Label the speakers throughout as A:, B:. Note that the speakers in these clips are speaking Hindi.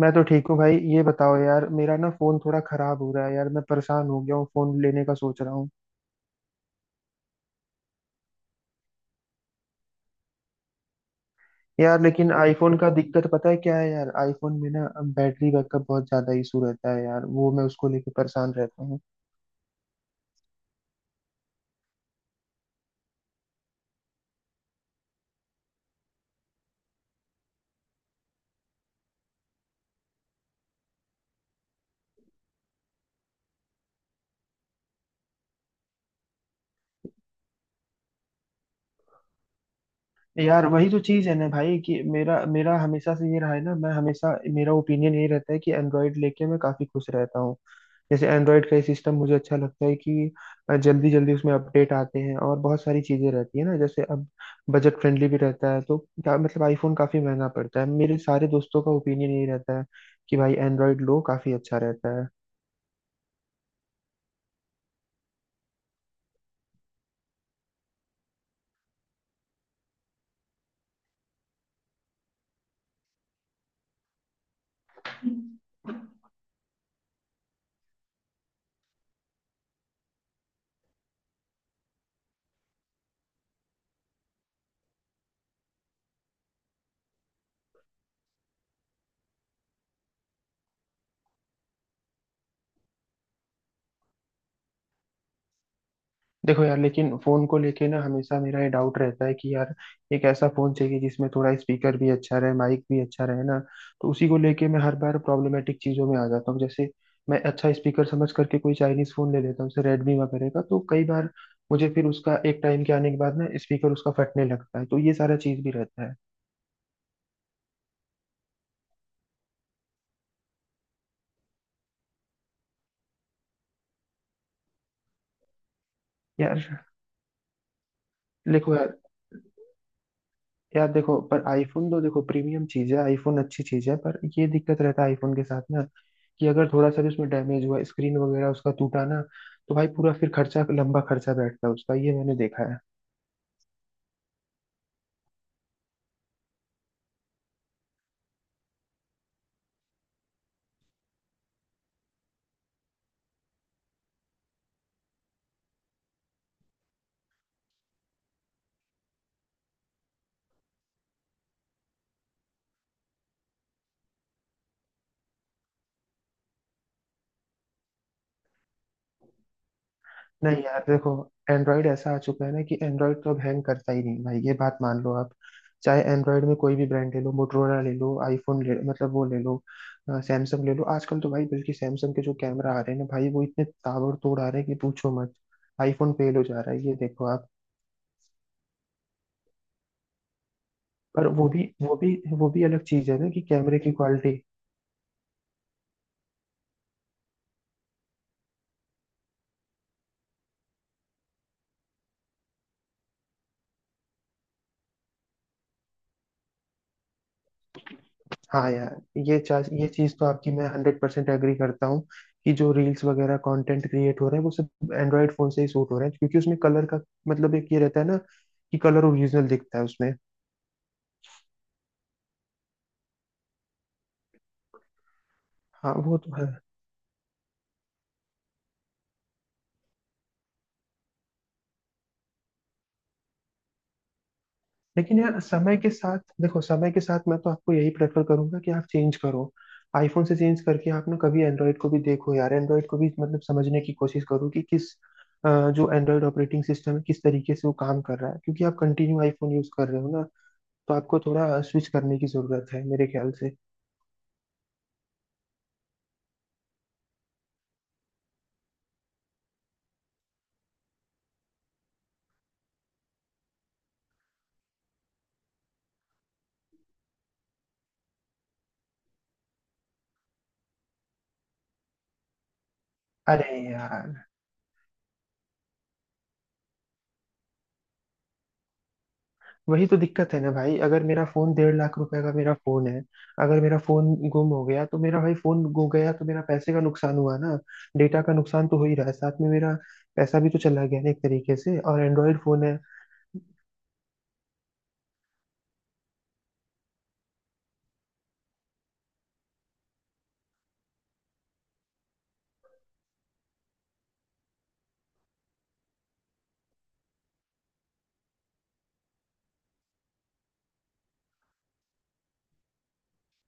A: मैं तो ठीक हूँ भाई। ये बताओ यार, मेरा ना फोन थोड़ा खराब हो रहा है यार, मैं परेशान हो गया हूँ। फोन लेने का सोच रहा हूँ। यार लेकिन आईफोन का दिक्कत पता है क्या है यार, आईफोन में ना बैटरी बैकअप बहुत ज्यादा इशू रहता है यार। वो मैं उसको लेके परेशान रहता हूँ। यार वही तो चीज है ना भाई, कि मेरा मेरा हमेशा से ये रहा है ना, मैं हमेशा मेरा ओपिनियन ये रहता है कि एंड्रॉयड लेके मैं काफी खुश रहता हूँ। जैसे एंड्रॉयड का ये सिस्टम मुझे अच्छा लगता है कि जल्दी जल्दी उसमें अपडेट आते हैं, और बहुत सारी चीजें रहती है ना। जैसे अब बजट फ्रेंडली भी रहता है, तो क्या मतलब आईफोन काफी महंगा पड़ता है। मेरे सारे दोस्तों का ओपिनियन यही रहता है कि भाई एंड्रॉयड लो काफी अच्छा रहता है। देखो यार, लेकिन फोन को लेके ना हमेशा मेरा ये डाउट रहता है कि यार एक ऐसा फोन चाहिए जिसमें थोड़ा स्पीकर भी अच्छा रहे, माइक भी अच्छा रहे ना। तो उसी को लेके मैं हर बार प्रॉब्लमेटिक चीजों में आ जाता हूँ। जैसे मैं अच्छा स्पीकर समझ करके कोई चाइनीज फोन ले लेता हूँ जैसे रेडमी वगैरह का, तो कई बार मुझे फिर उसका एक टाइम के आने के बाद ना स्पीकर उसका फटने लगता है। तो ये सारा चीज भी रहता है। यार देखो यार, देखो, पर आईफोन तो देखो प्रीमियम चीज है, आईफोन अच्छी चीज है, पर ये दिक्कत रहता है आईफोन के साथ ना कि अगर थोड़ा सा भी उसमें डैमेज हुआ, स्क्रीन वगैरह उसका टूटा ना, तो भाई पूरा फिर खर्चा, लंबा खर्चा बैठता है उसका। ये मैंने देखा है। नहीं यार, देखो एंड्रॉयड ऐसा आ चुका है ना कि एंड्रॉयड तो अब हैंग करता ही नहीं भाई। ये बात मान लो आप, चाहे एंड्रॉयड में कोई भी ब्रांड ले लो, मोटरोला ले लो, आईफोन ले, मतलब वो ले लो, सैमसंग ले लो। आजकल तो भाई बल्कि सैमसंग के जो कैमरा आ रहे हैं ना भाई, वो इतने ताबड़तोड़ आ रहे हैं कि पूछो मत। आईफोन फेल हो जा रहा है, ये देखो आप। पर वो भी अलग चीज है ना, कि कैमरे की क्वालिटी। हाँ यार, ये चार्ज, ये चीज तो आपकी मैं 100% एग्री करता हूँ कि जो रील्स वगैरह कंटेंट क्रिएट हो रहा है वो सब एंड्रॉयड फोन से ही शूट हो रहा है, क्योंकि उसमें कलर का मतलब एक ये रहता है ना कि कलर ओरिजिनल दिखता है उसमें। हाँ वो तो है। लेकिन यार समय के साथ देखो, समय के साथ मैं तो आपको यही प्रेफर करूंगा कि आप चेंज करो। आईफोन से चेंज करके आप ना कभी एंड्रॉयड को भी देखो यार, एंड्रॉयड को भी मतलब समझने की कोशिश करो कि किस जो एंड्रॉयड ऑपरेटिंग सिस्टम है किस तरीके से वो काम कर रहा है। क्योंकि आप कंटिन्यू आईफोन यूज कर रहे हो ना, तो आपको थोड़ा स्विच करने की जरूरत है मेरे ख्याल से। अरे यार, वही तो दिक्कत है ना भाई। अगर मेरा फोन 1,50,000 रुपए का मेरा फोन है, अगर मेरा फोन गुम हो गया, तो मेरा भाई फोन गुम गया तो मेरा पैसे का नुकसान हुआ ना। डेटा का नुकसान तो हो ही रहा है, साथ में मेरा पैसा भी तो चला गया ना एक तरीके से। और एंड्रॉयड फोन है।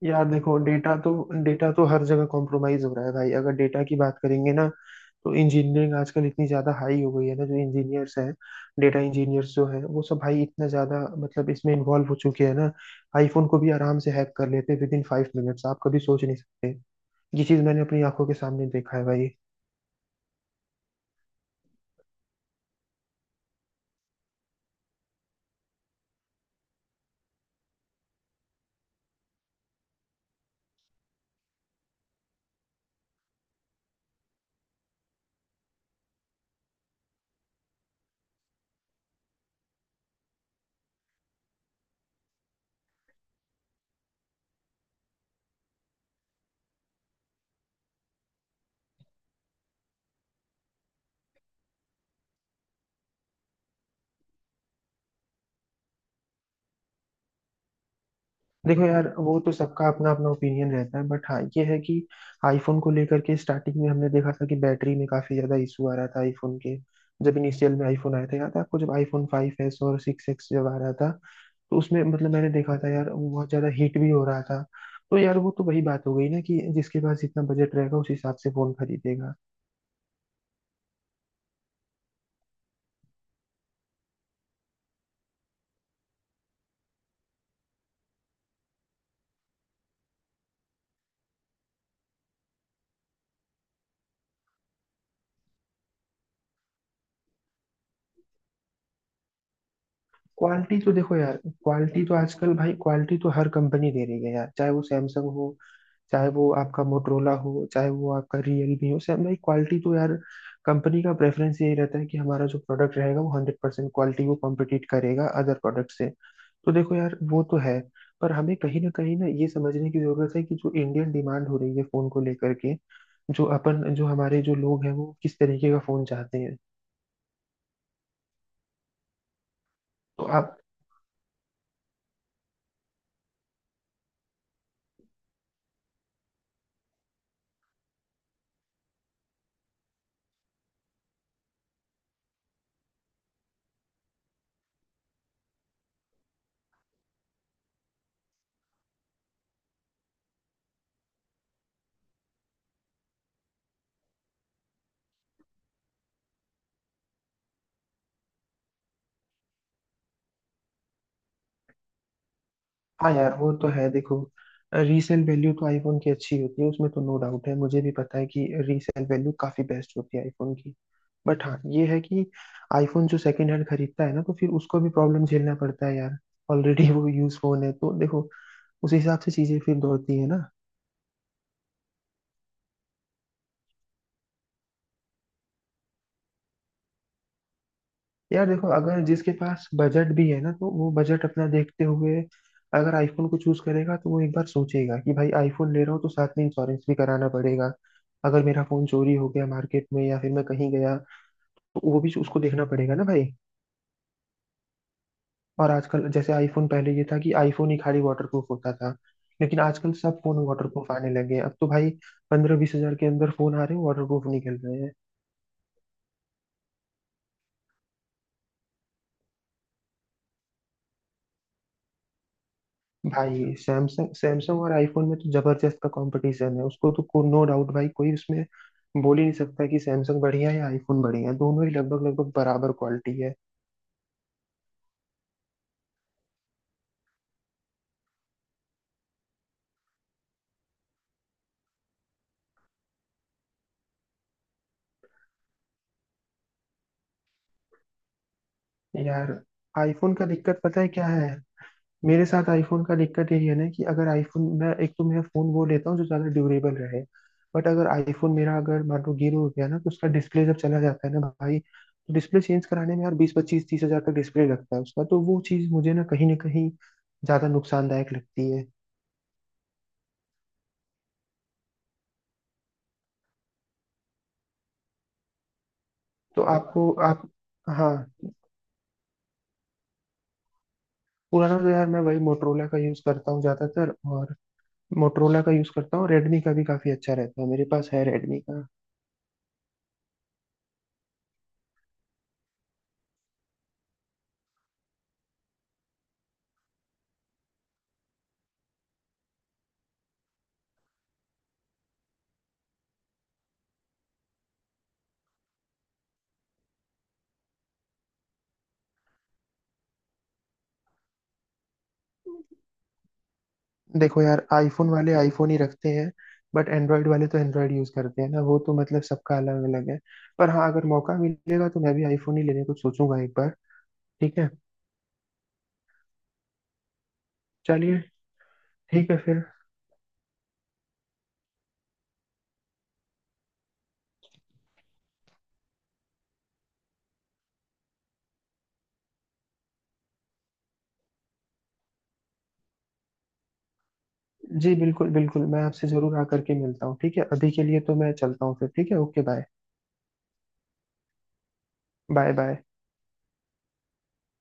A: यार देखो, डेटा तो हर जगह कॉम्प्रोमाइज हो रहा है भाई। अगर डेटा की बात करेंगे ना, तो इंजीनियरिंग आजकल इतनी ज्यादा हाई हो गई है ना, जो इंजीनियर्स हैं, डेटा इंजीनियर्स जो हैं, वो सब भाई इतना ज्यादा मतलब इसमें इन्वॉल्व हो चुके हैं ना। आईफोन को भी आराम से हैक कर लेते हैं विद इन 5 मिनट्स, आप कभी सोच नहीं सकते। ये चीज मैंने अपनी आंखों के सामने देखा है भाई। देखो यार, वो तो सबका अपना अपना ओपिनियन रहता है। बट हाँ, ये है कि आईफोन को लेकर के स्टार्टिंग में हमने देखा था कि बैटरी में काफी ज्यादा इशू आ रहा था आईफोन के। जब इनिशियल में आईफोन आया था, याद है आपको, जब आईफोन 5 एस और 6 एक्स जब आ रहा था, तो उसमें मतलब मैंने देखा था यार वो बहुत ज्यादा हीट भी हो रहा था। तो यार वो तो वही बात हो गई ना कि जिसके पास जितना बजट रहेगा उस हिसाब से फोन खरीदेगा। क्वालिटी तो देखो यार, क्वालिटी तो आजकल भाई, क्वालिटी तो हर कंपनी दे रही है यार, चाहे वो सैमसंग हो, चाहे वो आपका मोटरोला हो, चाहे वो आपका रियलमी हो, सैमसंग भाई। क्वालिटी तो यार कंपनी का प्रेफरेंस यही रहता है कि हमारा जो प्रोडक्ट रहेगा वो 100% क्वालिटी को कॉम्पिटिट करेगा अदर प्रोडक्ट से। तो देखो यार वो तो है। पर हमें कहीं ना ये समझने की जरूरत है कि जो इंडियन डिमांड हो रही है फोन को लेकर के, जो अपन, जो हमारे जो लोग हैं वो किस तरीके का फोन चाहते हैं। तो आप, हाँ यार वो तो है। देखो, रीसेल वैल्यू तो आईफोन की अच्छी होती है, उसमें तो नो डाउट है, मुझे भी पता है कि रीसेल वैल्यू काफी बेस्ट होती है आईफोन की। बट हाँ ये है कि आईफोन जो सेकंड हैंड खरीदता है ना, तो फिर उसको भी प्रॉब्लम झेलना पड़ता है यार, ऑलरेडी वो यूज फोन है। तो देखो उस हिसाब से चीजें फिर दौड़ती है ना। यार देखो, अगर जिसके पास बजट भी है ना, तो वो बजट अपना देखते हुए अगर आईफोन को चूज करेगा, तो वो एक बार सोचेगा कि भाई आईफोन ले रहा हूँ तो साथ में इंश्योरेंस भी कराना पड़ेगा। अगर मेरा फोन चोरी हो गया मार्केट में, या फिर मैं कहीं गया, तो वो भी उसको देखना पड़ेगा ना भाई। और आजकल जैसे आईफोन, पहले ये था कि आईफोन ही खाली वाटरप्रूफ होता था, लेकिन आजकल सब फोन वाटरप्रूफ आने लगे हैं। अब तो भाई 15-20 हजार के अंदर फोन आ रहे हैं, वाटरप्रूफ निकल रहे हैं। भाई सैमसंग, सैमसंग और आईफोन में तो जबरदस्त का कंपटीशन है, उसको तो नो डाउट भाई। कोई उसमें बोल ही नहीं सकता कि सैमसंग बढ़िया है या आईफोन बढ़िया है, दोनों ही लगभग लगभग बराबर क्वालिटी है। यार आईफोन का दिक्कत पता है क्या है, मेरे साथ आईफोन का दिक्कत यही है ना कि अगर आईफोन मैं, एक तो मैं फोन वो लेता हूँ जो ज्यादा ड्यूरेबल रहे, बट अगर आईफोन मेरा अगर मान लो गिर हो गया ना, तो उसका डिस्प्ले जब चला जाता है ना भाई, तो डिस्प्ले चेंज कराने में यार 20-25-30 हजार का डिस्प्ले लगता है उसका। तो वो चीज मुझे ना कहीं ज्यादा नुकसानदायक लगती है। तो आपको आप हाँ, पुराना तो यार मैं वही मोटरोला का यूज करता हूँ ज्यादातर, और मोटरोला का यूज करता हूँ। रेडमी का भी काफी अच्छा रहता है, मेरे पास है रेडमी का। देखो यार, आईफोन वाले आईफोन ही रखते हैं, बट एंड्रॉयड वाले तो एंड्रॉयड यूज करते हैं ना, वो तो मतलब सबका अलग अलग है। पर हाँ अगर मौका मिलेगा तो मैं भी आईफोन ही लेने को सोचूंगा एक बार। ठीक है। चलिए। ठीक है फिर। जी बिल्कुल बिल्कुल, मैं आपसे जरूर आकर के मिलता हूँ, ठीक है। अभी के लिए तो मैं चलता हूँ फिर, ठीक है, ओके बाय। Bye bye.